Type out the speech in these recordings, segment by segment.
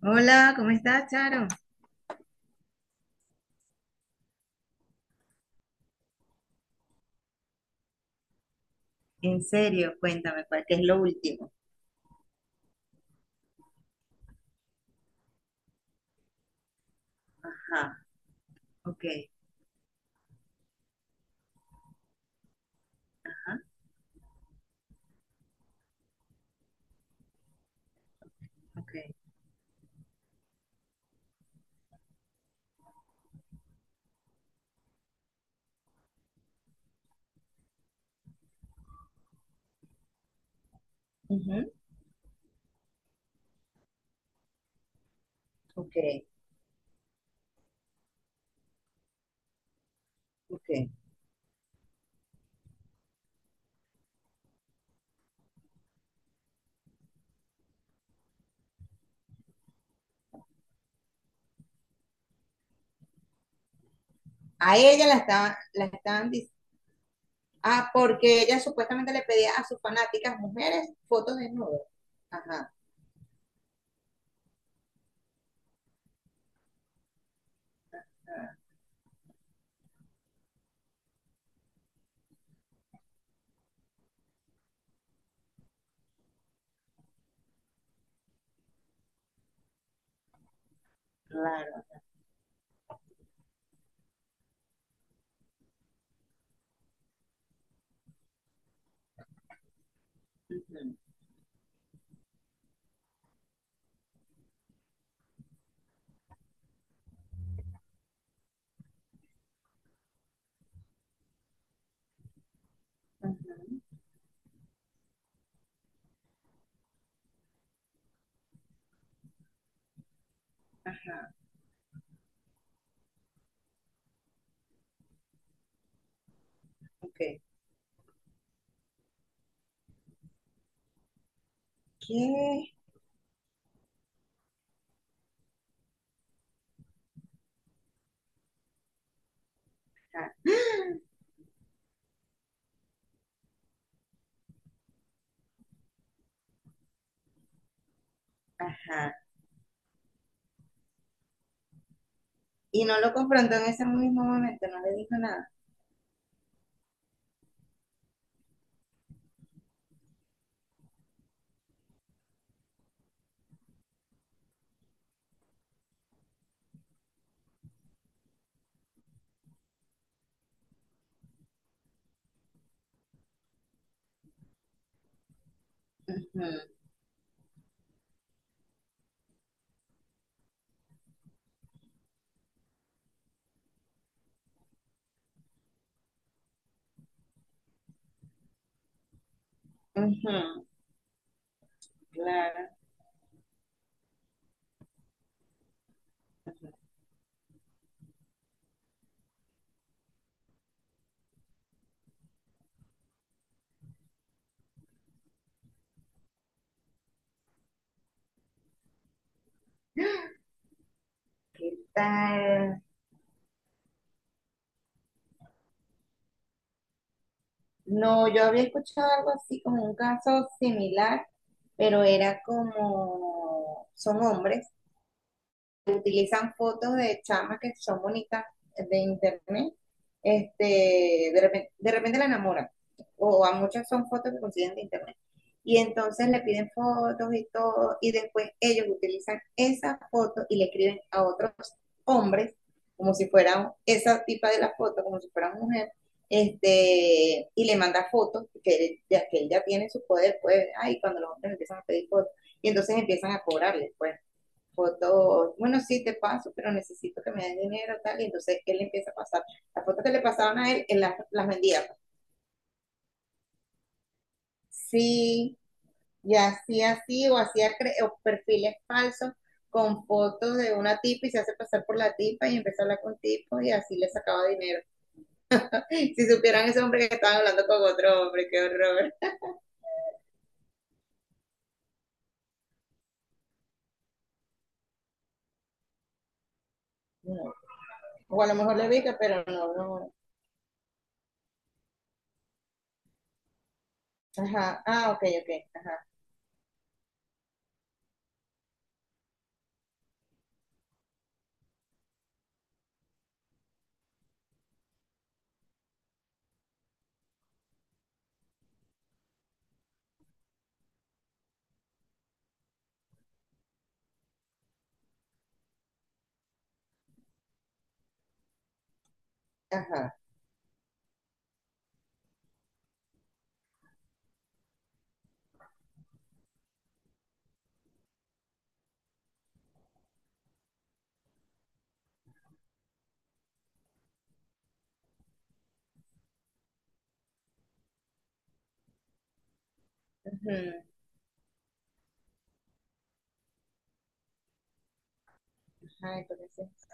Hola, ¿cómo estás, Charo? En serio, cuéntame, ¿cuál qué es lo último? Ajá, ok, ok, ujú, ok, ok. A ella la estaban. Ah, porque ella supuestamente le pedía a sus fanáticas mujeres fotos desnudas. Ajá, claro. Ujú, ujú. Ajá, ok. ¿Qué? Ajá, ajá. Y no lo confrontó en ese mismo momento, no le dijo nada. Ujú, ujú, claro. Ujú. ¿Qué tal? No, yo había escuchado algo así como un caso similar, pero era como, son hombres, utilizan fotos de chamas que son bonitas de internet, de repente la enamoran, o a muchas son fotos que consiguen de internet. Y entonces le piden fotos y todo, y después ellos utilizan esas fotos y le escriben a otros hombres, como si fueran esa tipa de la foto, como si fueran mujer, y le manda fotos que él ya tiene su poder, pues, ay, cuando los hombres empiezan a pedir fotos, y entonces empiezan a cobrarle, pues fotos, bueno, sí te paso, pero necesito que me den dinero, tal, y entonces él empieza a pasar. Las fotos que le pasaban a él, él las vendía, pues. Sí, y hacía así, o perfiles falsos con fotos de una tipa y se hace pasar por la tipa y empezó a hablar con tipos y así le sacaba dinero. Si supieran ese hombre que estaba hablando con otro hombre, qué horror. No. O a lo mejor le ubica, pero no, no. Ajá, ah, ok, ok, ajá, ajá. Ujú. Ajá, entonces, sí.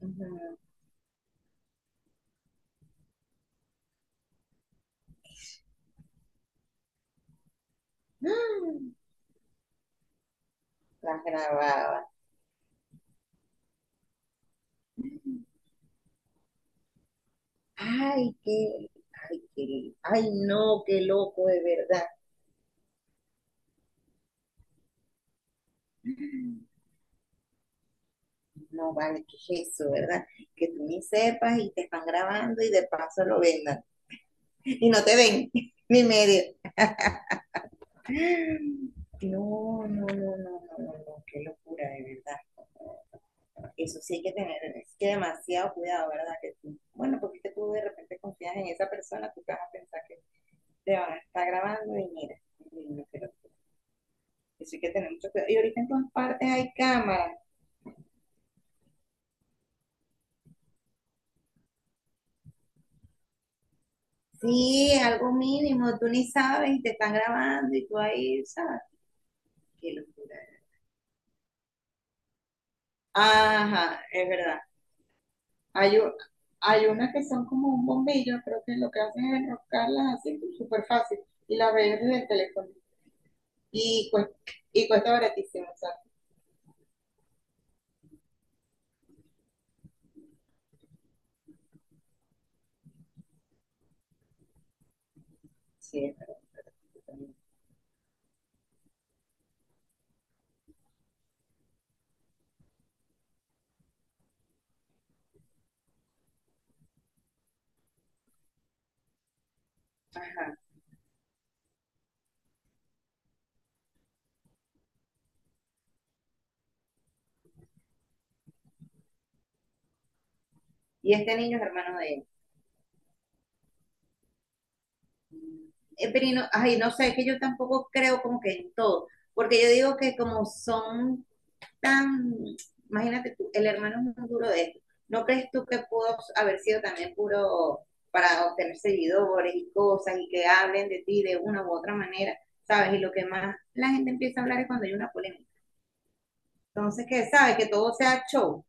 Ujú. Ah, las grababa. Ay, qué, ay, qué, ay, no, qué loco de verdad. No vale, qué es eso, ¿verdad? Que tú ni sepas y te están grabando y de paso lo vendan. Y no te ven, ni medio. No, no, no, no, no, no, no, qué locura, de verdad. Eso sí hay que tener, es que demasiado cuidado, ¿verdad? Que tú, bueno, porque es que tú de repente confías en esa persona, tú te vas a pensar que te van a estar grabando y mira, y no, pero eso hay que tener mucho cuidado. Y ahorita en todas partes hay cámaras. Sí, es algo mínimo, tú ni sabes y te están grabando y tú ahí, ¿sabes? Qué locura. Ajá, es verdad. Hay, u- hay unas que son como un bombillo, creo que lo que hacen es enroscarlas así súper fácil y las ves desde el teléfono. Y, cuesta, y cuesta baratísimo, sabes. Sí, es verdad, es verdad. Ajá. Y este niño es hermano de él. Mm. Pero y no, ay, no sé, es que yo tampoco creo como que en todo, porque yo digo que como son tan, imagínate tú, el hermano es muy duro de esto. ¿No crees tú que pudo haber sido también puro para obtener seguidores y cosas y que hablen de ti de una u otra manera, ¿sabes? Y lo que más la gente empieza a hablar es cuando hay una polémica. Entonces, que, ¿sabes? Que todo sea show.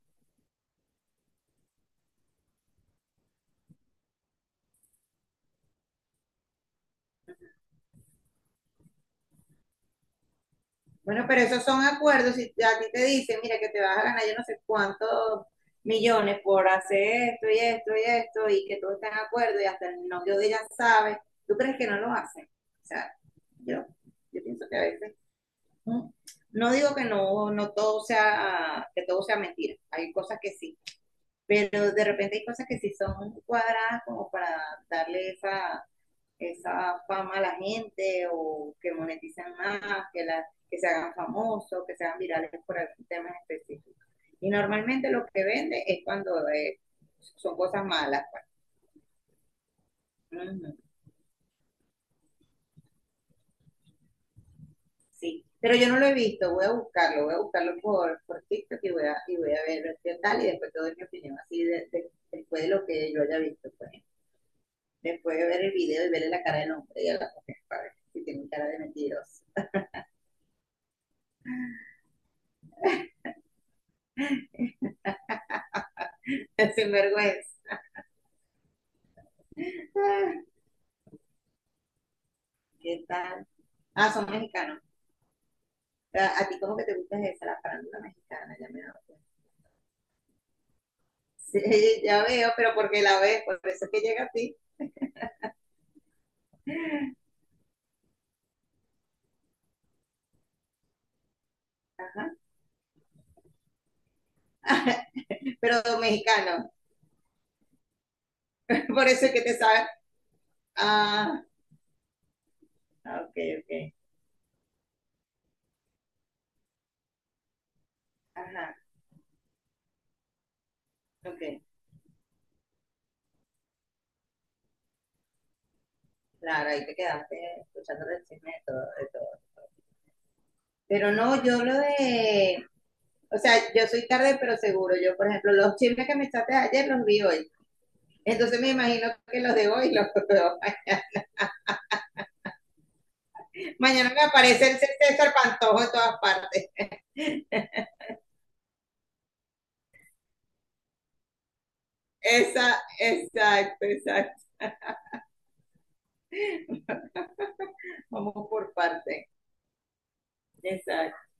Bueno, pero esos son acuerdos. Si a ti te dicen, mira, que te vas a ganar yo no sé cuántos millones por hacer esto y esto y esto, y que todos estén de acuerdo y hasta el novio de ella sabe, ¿tú crees que no lo hacen? O sea, yo, yo pienso que a veces, ¿no? No digo que no, no todo sea, que todo sea mentira, hay cosas que sí, pero de repente hay cosas que sí son cuadradas como para darle esa, esa fama a la gente o que moneticen más, que, la, que se hagan famosos, que se hagan virales por algún tema específico. Y normalmente lo que vende es cuando son cosas malas, pues. Uh -huh, sí, pero yo no lo he visto, voy a buscarlo por TikTok y voy a ver qué tal y después te doy mi opinión, así después de lo que yo haya visto, pues. Después de ver el video y verle la cara del hombre y a la mujer, para ver si tiene cara de mentiroso. Sin vergüenza. Ah, ¿qué tal? Ah, son mexicanos. A ti como que te gusta esa, la farándula mexicana, ya me doy cuenta. Sí, ya veo, pero porque la ves, por eso es que llega a ti. Ajá. Pero mexicano, por eso es que te sabes. Ah, ok, ok. Ajá, ok. Claro, ahí te quedaste escuchando el chisme de todo, de todo. Pero no, o sea, yo soy tarde, pero seguro. Yo, por ejemplo, los chismes que me echaste ayer los vi hoy. Entonces me imagino que los de hoy los veo mañana. Mañana me aparece el César Pantojo en todas partes. Esa, exacto, exacto. Vamos por parte. Exacto.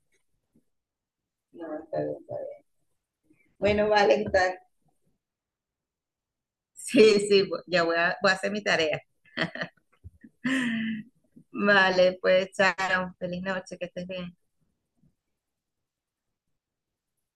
No, está bien, está bien. Bueno, vale, está. Sí, sí, ya voy a hacer mi tarea. Vale, pues, chao. Feliz noche, que estés bien.